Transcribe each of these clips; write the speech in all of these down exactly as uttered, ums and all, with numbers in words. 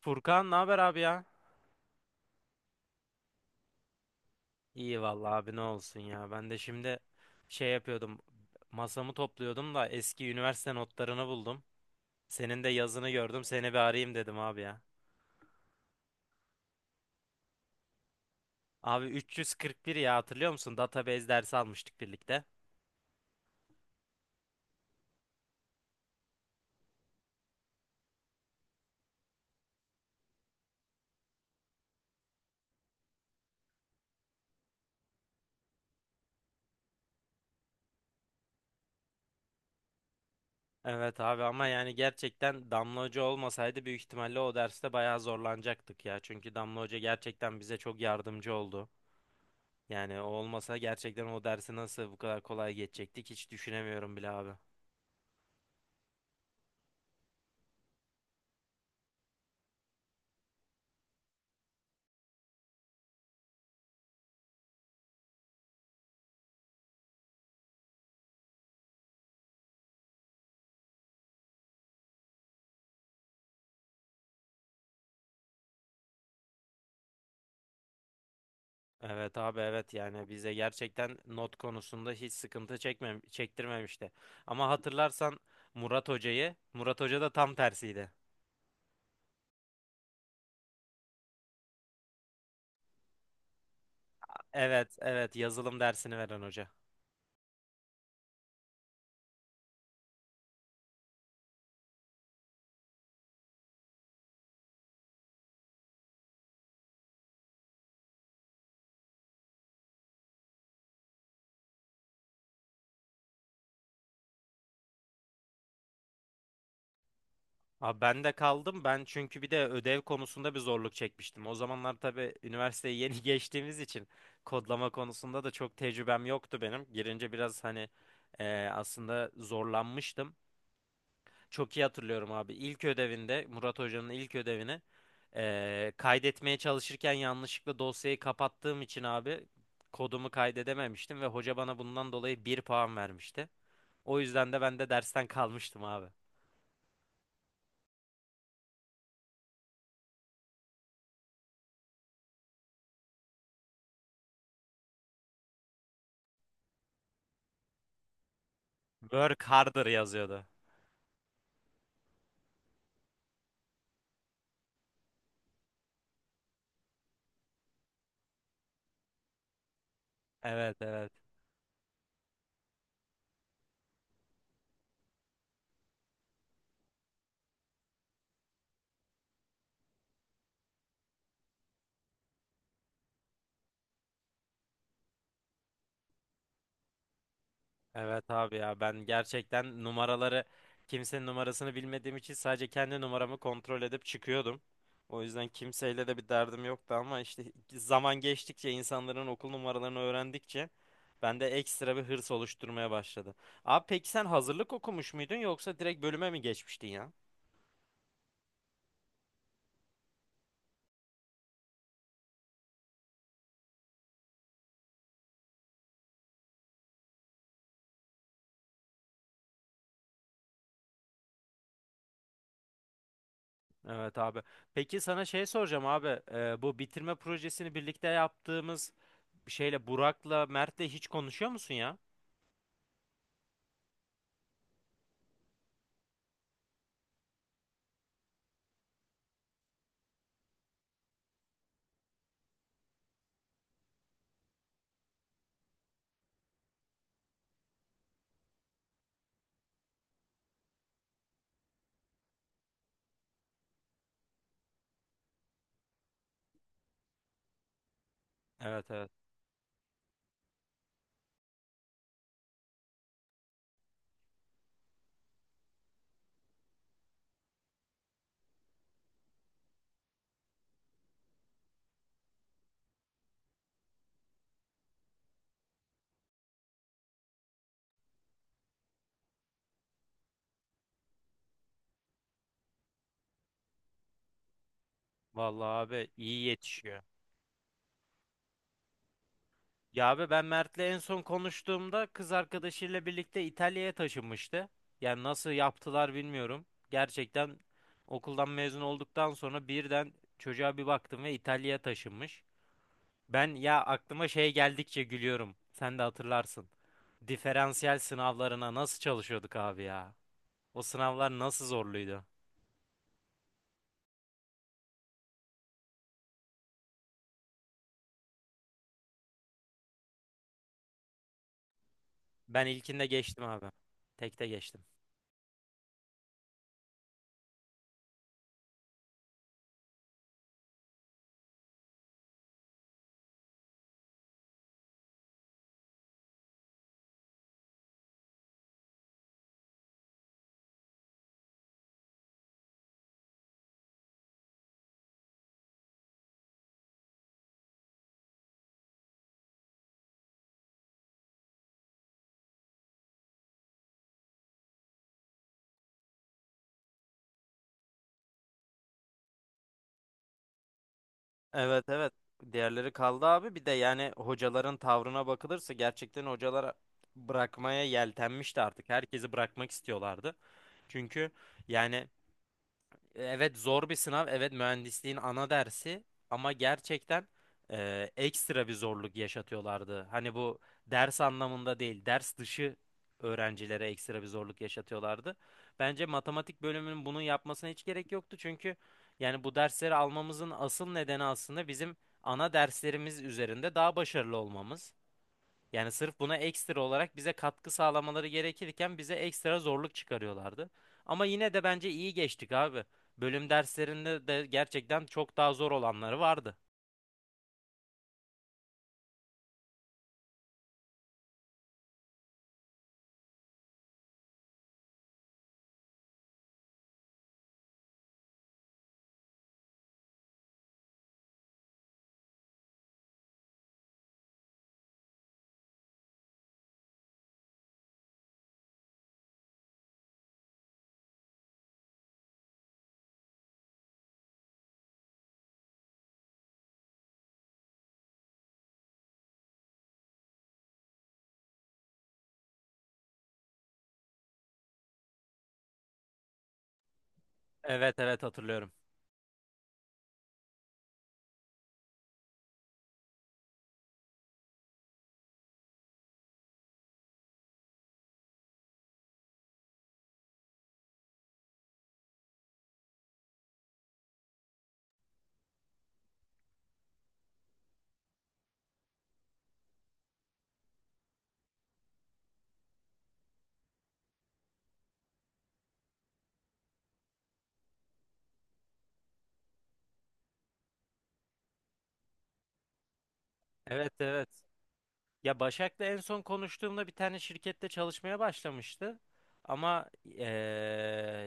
Furkan ne haber abi ya? İyi vallahi abi ne olsun ya. Ben de şimdi şey yapıyordum. Masamı topluyordum da eski üniversite notlarını buldum. Senin de yazını gördüm. Seni bir arayayım dedim abi ya. Abi üç yüz kırk bir ya hatırlıyor musun? Database dersi almıştık birlikte. Evet abi, ama yani gerçekten Damla Hoca olmasaydı büyük ihtimalle o derste bayağı zorlanacaktık ya. Çünkü Damla Hoca gerçekten bize çok yardımcı oldu. Yani o olmasa gerçekten o dersi nasıl bu kadar kolay geçecektik hiç düşünemiyorum bile abi. Evet abi, evet yani bize gerçekten not konusunda hiç sıkıntı çekmem çektirmemişti. Ama hatırlarsan Murat Hoca'yı, Murat Hoca da tam tersiydi. Evet evet, yazılım dersini veren hoca. Abi ben de kaldım, ben çünkü bir de ödev konusunda bir zorluk çekmiştim. O zamanlar tabii üniversiteyi yeni geçtiğimiz için kodlama konusunda da çok tecrübem yoktu benim. Girince biraz hani e, aslında zorlanmıştım. Çok iyi hatırlıyorum abi. İlk ödevinde, Murat Hoca'nın ilk ödevini eee, kaydetmeye çalışırken yanlışlıkla dosyayı kapattığım için abi kodumu kaydedememiştim ve hoca bana bundan dolayı bir puan vermişti. O yüzden de ben de dersten kalmıştım abi. Work harder yazıyordu. Evet evet. Evet abi ya, ben gerçekten numaraları, kimsenin numarasını bilmediğim için sadece kendi numaramı kontrol edip çıkıyordum. O yüzden kimseyle de bir derdim yoktu ama işte zaman geçtikçe, insanların okul numaralarını öğrendikçe bende ekstra bir hırs oluşturmaya başladı. Abi peki sen hazırlık okumuş muydun yoksa direkt bölüme mi geçmiştin ya? Evet abi. Peki sana şey soracağım abi. Ee, bu bitirme projesini birlikte yaptığımız şeyle, Burak'la Mert'le hiç konuşuyor musun ya? Evet evet. Vallahi abi iyi yetişiyor. Ya abi, ben Mert'le en son konuştuğumda kız arkadaşıyla birlikte İtalya'ya taşınmıştı. Yani nasıl yaptılar bilmiyorum. Gerçekten okuldan mezun olduktan sonra birden çocuğa bir baktım ve İtalya'ya taşınmış. Ben ya, aklıma şey geldikçe gülüyorum. Sen de hatırlarsın. Diferansiyel sınavlarına nasıl çalışıyorduk abi ya? O sınavlar nasıl zorluydu? Ben ilkinde geçtim abi. Tekte geçtim. Evet evet. Diğerleri kaldı abi. Bir de yani hocaların tavrına bakılırsa gerçekten hocalar bırakmaya yeltenmişti artık. Herkesi bırakmak istiyorlardı. Çünkü yani, evet, zor bir sınav. Evet, mühendisliğin ana dersi ama gerçekten e, ekstra bir zorluk yaşatıyorlardı. Hani bu ders anlamında değil, ders dışı öğrencilere ekstra bir zorluk yaşatıyorlardı. Bence matematik bölümünün bunu yapmasına hiç gerek yoktu. Çünkü yani bu dersleri almamızın asıl nedeni aslında bizim ana derslerimiz üzerinde daha başarılı olmamız. Yani sırf buna ekstra olarak bize katkı sağlamaları gerekirken bize ekstra zorluk çıkarıyorlardı. Ama yine de bence iyi geçtik abi. Bölüm derslerinde de gerçekten çok daha zor olanları vardı. Evet evet, hatırlıyorum. Evet evet. Ya Başak'la en son konuştuğumda bir tane şirkette çalışmaya başlamıştı. Ama eee,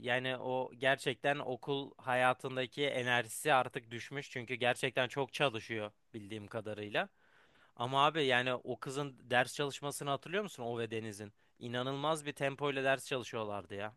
yani o gerçekten, okul hayatındaki enerjisi artık düşmüş. Çünkü gerçekten çok çalışıyor bildiğim kadarıyla. Ama abi yani o kızın ders çalışmasını hatırlıyor musun? O ve Deniz'in. İnanılmaz bir tempoyla ders çalışıyorlardı ya.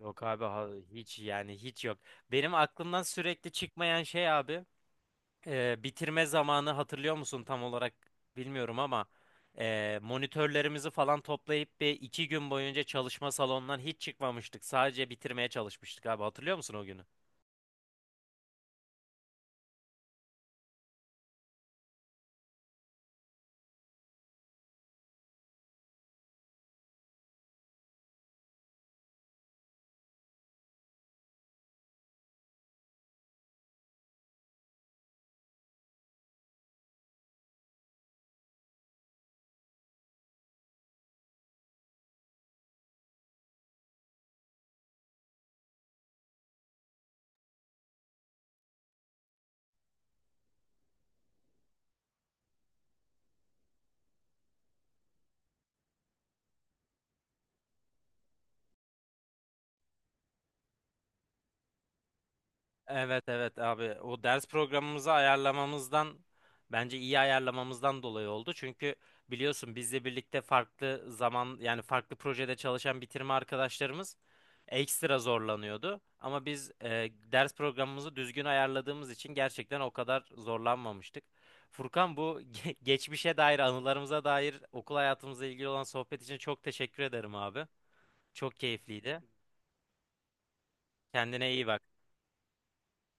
Yok abi, ha- hiç, yani hiç yok. Benim aklımdan sürekli çıkmayan şey abi, e, bitirme zamanı, hatırlıyor musun tam olarak bilmiyorum ama e, monitörlerimizi falan toplayıp bir iki gün boyunca çalışma salonundan hiç çıkmamıştık. Sadece bitirmeye çalışmıştık abi, hatırlıyor musun o günü? Evet evet abi, o ders programımızı ayarlamamızdan, bence iyi ayarlamamızdan dolayı oldu. Çünkü biliyorsun, bizle birlikte farklı zaman, yani farklı projede çalışan bitirme arkadaşlarımız ekstra zorlanıyordu. Ama biz e, ders programımızı düzgün ayarladığımız için gerçekten o kadar zorlanmamıştık. Furkan, bu ge- geçmişe dair, anılarımıza dair, okul hayatımızla ilgili olan sohbet için çok teşekkür ederim abi. Çok keyifliydi. Kendine iyi bak.